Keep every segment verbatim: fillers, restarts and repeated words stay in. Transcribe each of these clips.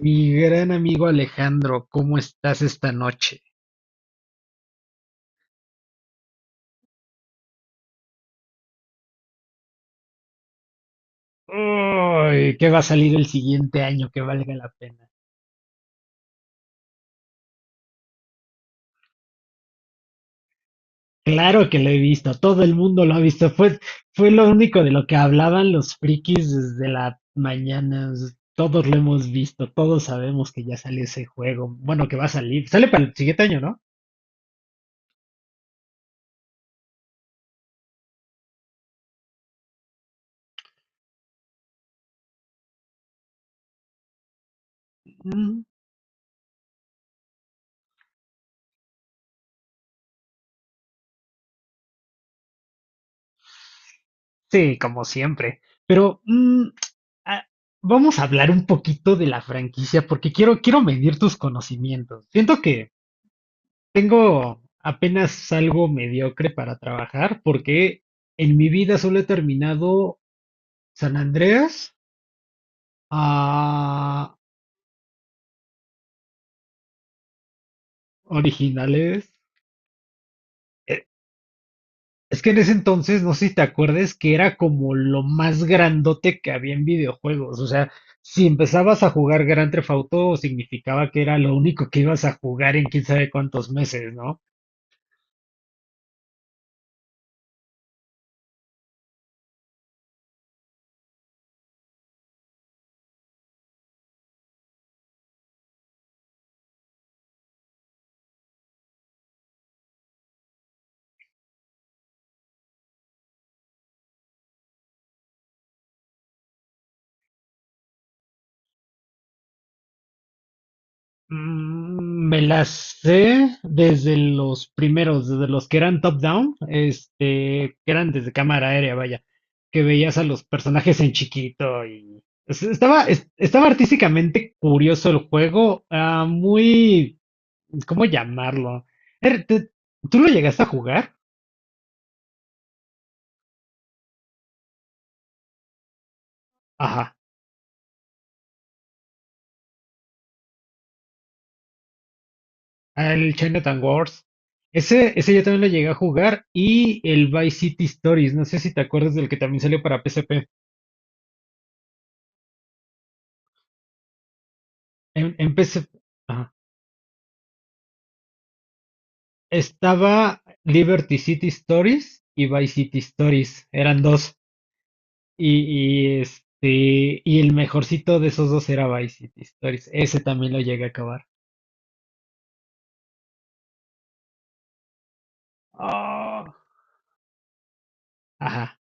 Mi gran amigo Alejandro, ¿cómo estás esta noche? Uy, ¿qué va a salir el siguiente año que valga la pena? Claro que lo he visto, todo el mundo lo ha visto. Fue, fue lo único de lo que hablaban los frikis desde la mañana. es- Todos lo hemos visto, todos sabemos que ya sale ese juego. Bueno, que va a salir. Sale para el siguiente año, ¿no? Mm, sí, como siempre. Pero mm, ah, vamos a hablar un poquito de la franquicia porque quiero, quiero medir tus conocimientos. Siento que tengo apenas algo mediocre para trabajar porque en mi vida solo he terminado San Andreas, ah, originales. Eh, Es que en ese entonces, no sé si te acuerdes, que era como lo más grandote que había en videojuegos. O sea, si empezabas a jugar Grand Theft Auto, significaba que era lo único que ibas a jugar en quién sabe cuántos meses, ¿no? Mm, Me las sé desde los primeros, desde los que eran top-down, este, que eran desde cámara aérea, vaya, que veías a los personajes en chiquito y es- estaba, es- estaba artísticamente curioso el juego, ah, muy, ¿cómo llamarlo? Er, te- ¿Tú lo llegaste a jugar? Ajá, el Chinatown Wars. Ese, ese yo también lo llegué a jugar y el Vice City Stories, no sé si te acuerdas del que también salió para P S P. En, en P S P. Estaba Liberty City Stories y Vice City Stories, eran dos. Y, y este, y el mejorcito de esos dos era Vice City Stories. Ese también lo llegué a acabar. Ah, Ajá.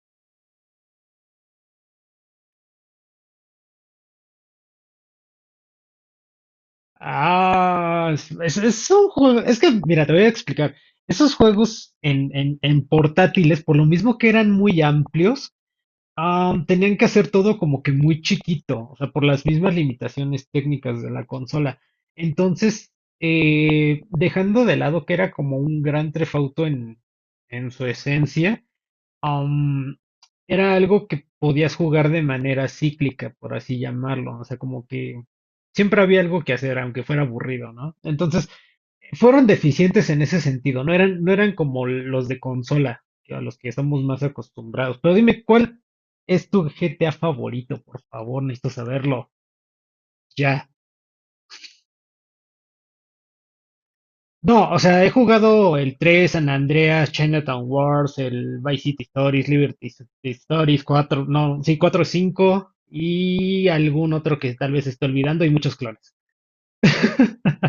Ah, es, es- es un juego. Es que, mira, te voy a explicar. Esos juegos en, en, en portátiles, por lo mismo que eran muy amplios, Am, tenían que hacer todo como que muy chiquito, o sea, por las mismas limitaciones técnicas de la consola. Entonces, eh, dejando de lado que era como un gran trefauto en, en su esencia, am, era algo que podías jugar de manera cíclica, por así llamarlo, o sea, como que siempre había algo que hacer, aunque fuera aburrido, ¿no? Entonces, fueron deficientes en ese sentido, no eran, no eran como los de consola, que a los que estamos más acostumbrados. Pero dime, ¿cuál es tu G T A favorito? Por favor, necesito saberlo ya. No, o sea, he jugado el tres San Andreas, Chinatown Wars, el Vice City Stories, Liberty City Stories, cuatro no, sí, cuatro cinco y algún otro que tal vez esté olvidando y muchos clones.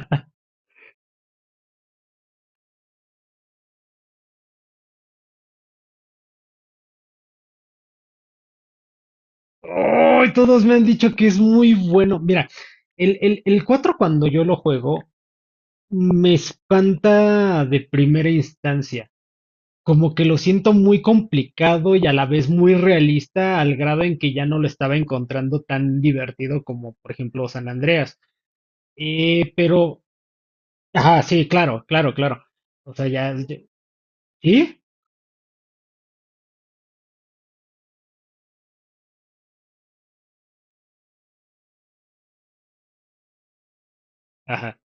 ¡Ay! Todos me han dicho que es muy bueno. Mira, el, el, el cuatro cuando yo lo juego, me espanta de primera instancia, como que lo siento muy complicado y a la vez muy realista al grado en que ya no lo estaba encontrando tan divertido como por ejemplo San Andreas. Eh, pero, ajá, sí, claro, claro, claro. O sea, ya, ya- ¿sí? Ajá,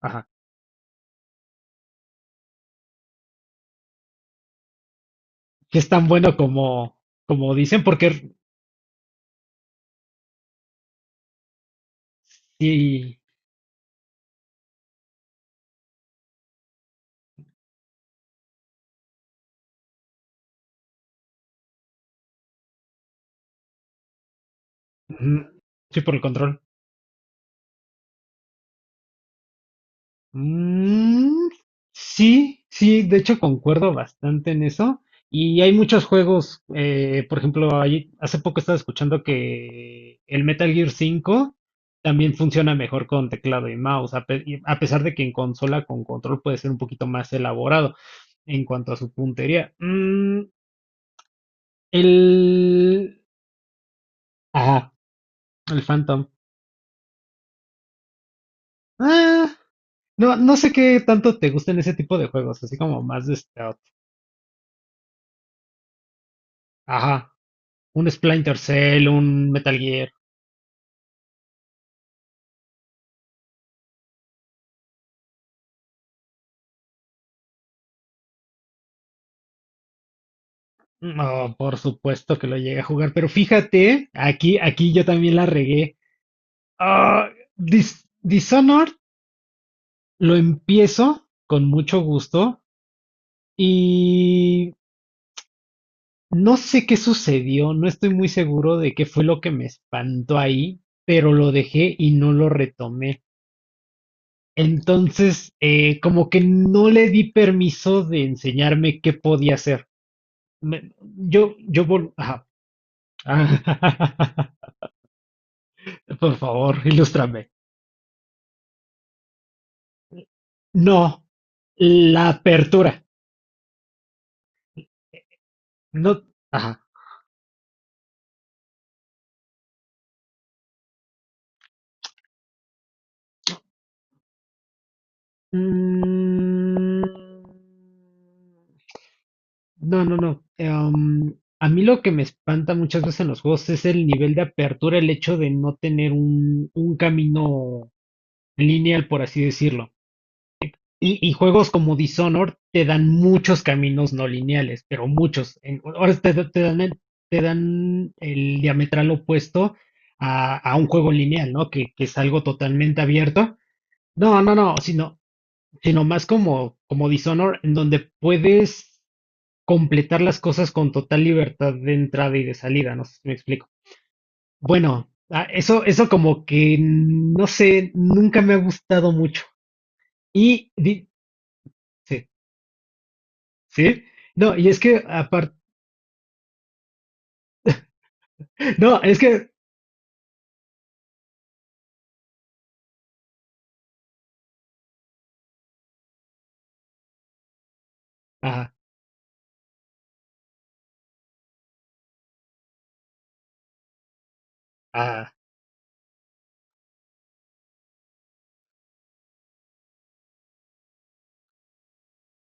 ajá. Que es tan bueno como, como dicen, porque sí, ujú, sí, por el control. Mm, sí, sí, de hecho concuerdo bastante en eso. Y hay muchos juegos, eh, por ejemplo, ahí- hace poco estaba escuchando que el Metal Gear cinco también funciona mejor con teclado y mouse, a, pe- y- a pesar de que en consola con control puede ser un poquito más elaborado en cuanto a su puntería. Mm, el... Ajá, el Phantom. Ah, no, no sé qué tanto te gustan ese tipo de juegos, así como más de stealth. Ajá. Un Splinter Cell, un Metal Gear. No, por supuesto que lo llegué a jugar, pero fíjate, aquí, aquí yo también la regué. Ah, Dis- Dishonored lo empiezo con mucho gusto y no sé qué sucedió, no estoy muy seguro de qué fue lo que me espantó ahí, pero lo dejé y no lo retomé. Entonces, eh, como que no le di permiso de enseñarme qué podía hacer. Me- yo, yo, vol- ajá, Ah, por favor, ilústrame. No, la apertura. No, ajá. mm, no, no, no. Eh, um, a mí lo que me espanta muchas veces en los juegos es el nivel de apertura, el hecho de no tener un, un camino lineal, por así decirlo. Y, y juegos como Dishonored te dan muchos caminos no lineales, pero muchos. En- ahora te, da- te dan, el- te dan el diametral opuesto a, a un juego lineal, ¿no? Que, que es algo totalmente abierto. No, no, no, sino, sino más como, como Dishonored, en donde puedes completar las cosas con total libertad de entrada y de salida, no sé si me explico. Bueno, ah, eso, eso como que, no sé, nunca me ha gustado mucho. Y, di- sí. Sí, no, y es que aparte, no, es que, ajá, ajá,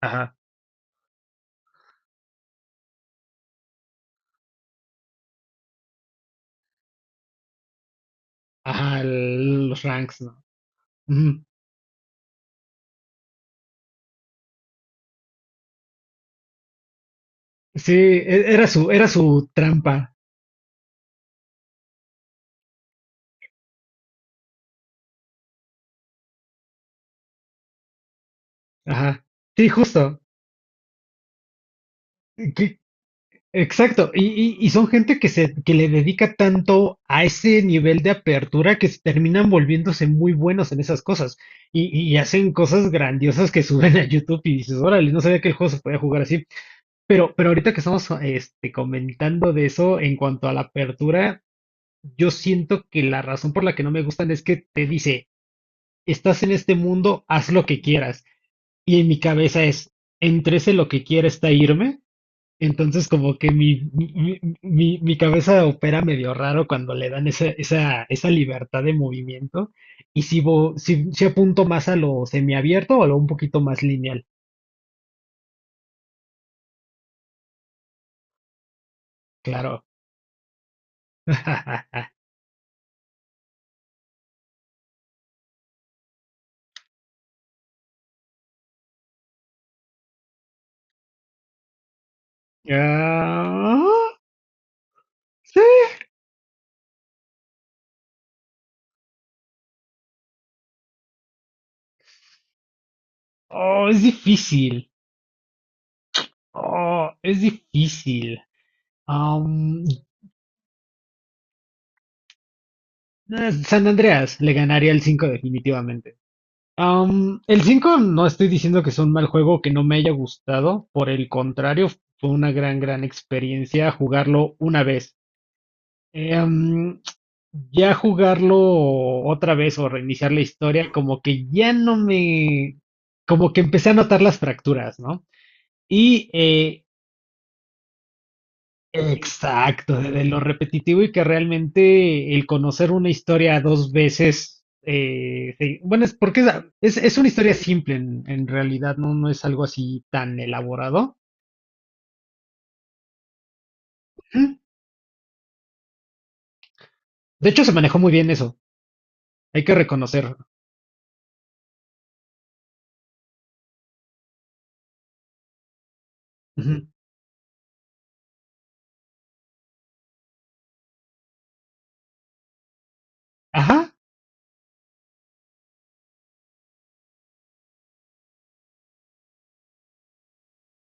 ajá, ajá, el- los ranks, ¿no? Ujú. Sí, e- era su, era su trampa, ajá, sí, justo, que- exacto, y, y- y son gente que se, que le dedica tanto a ese nivel de apertura que se terminan volviéndose muy buenos en esas cosas, y, y hacen cosas grandiosas que suben a YouTube y dices, órale, no sabía que el juego se podía jugar así. Pero, pero ahorita que estamos este, comentando de eso en cuanto a la apertura, yo siento que la razón por la que no me gustan es que te dice, estás en este mundo, haz lo que quieras. Y en mi cabeza es, entre ese lo que quiera está irme. Entonces como que mi, mi, mi- mi cabeza opera medio raro cuando le dan esa, esa, esa libertad de movimiento. Y si, vo- si, si apunto más a lo semiabierto o a lo un poquito más lineal, claro. Ah, sí. Oh, es difícil. Oh, es difícil. Am, Eh, San Andreas le ganaría el cinco definitivamente. Am, el cinco no estoy diciendo que sea un mal juego que no me haya gustado, por el contrario, fue una gran, gran experiencia jugarlo una vez. Eh, am, ya jugarlo otra vez o reiniciar la historia, como que ya no me, como que empecé a notar las fracturas, ¿no? Y eh, Exacto, de, de lo repetitivo y que realmente el conocer una historia dos veces, eh, sí, bueno, es porque es, es, es una historia simple en, en realidad, no, no es algo así tan elaborado. Ujú. De hecho, se manejó muy bien eso, hay que reconocer. Ujú. Ajá.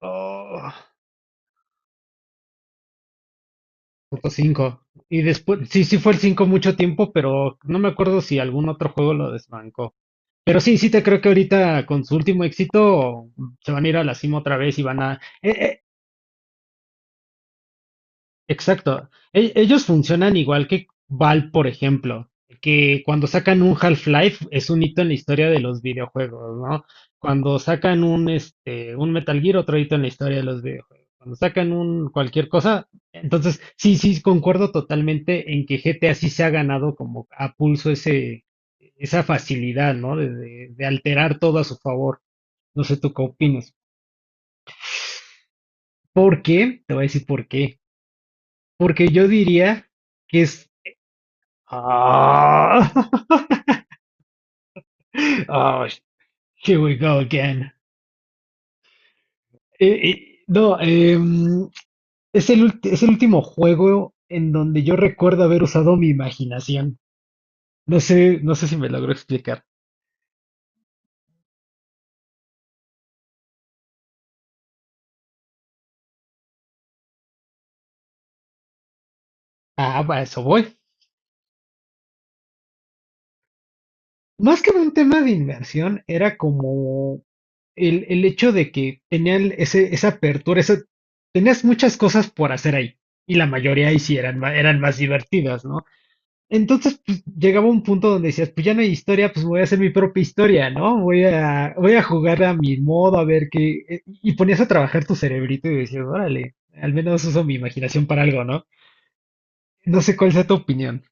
Oh, punto cinco. Y después, sí, sí fue el cinco mucho tiempo, pero no me acuerdo si algún otro juego lo desbancó. Pero sí, sí te creo que ahorita con su último éxito se van a ir a la cima otra vez y van a... e- Exacto. E- ellos funcionan igual que Valve, por ejemplo, que cuando sacan un Half-Life es un hito en la historia de los videojuegos, ¿no? Cuando sacan un, este, un Metal Gear, otro hito en la historia de los videojuegos. Cuando sacan un cualquier cosa, entonces sí, sí, concuerdo totalmente en que G T A sí se ha ganado como a pulso ese, esa facilidad, ¿no? De, de- de alterar todo a su favor. No sé tú qué opinas. ¿Por qué? Te voy a decir por qué. Porque yo diría que es Ah, ah, here we go again. Eh, eh, no, em, es el, ulti- es el último juego en donde yo recuerdo haber usado mi imaginación. No sé, no sé si me logro explicar. Ah, para eso voy. Más que un tema de inmersión, era como el, el hecho de que tenían ese, esa apertura, esa- tenías muchas cosas por hacer ahí. Y la mayoría ahí sí eran, ma- eran más divertidas, ¿no? Entonces, pues llegaba un punto donde decías, pues ya no hay historia, pues voy a hacer mi propia historia, ¿no? Voy a, voy a jugar a mi modo, a ver qué. eh, Y ponías a trabajar tu cerebrito y decías, órale, al menos uso mi imaginación para algo, ¿no? No sé cuál sea tu opinión.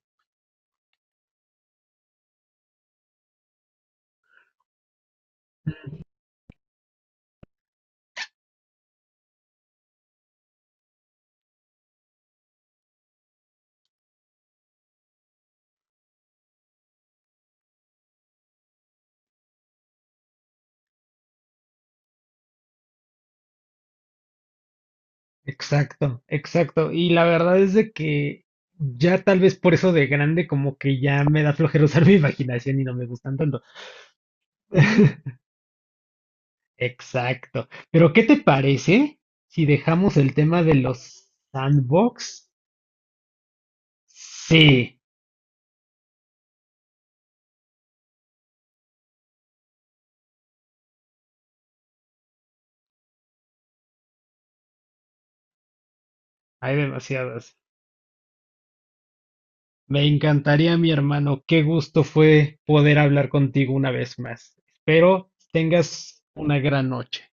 Exacto, exacto. Y la verdad es de que ya tal vez por eso de grande, como que ya me da flojera usar mi imaginación y no me gustan tanto. Exacto. Pero, ¿qué te parece si dejamos el tema de los sandbox? Sí. Hay demasiadas. Me encantaría, mi hermano. Qué gusto fue poder hablar contigo una vez más. Espero tengas una gran noche.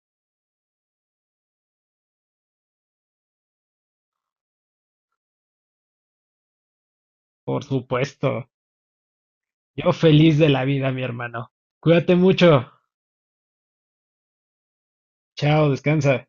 Por supuesto. Yo feliz de la vida, mi hermano. Cuídate mucho. Chao, descansa.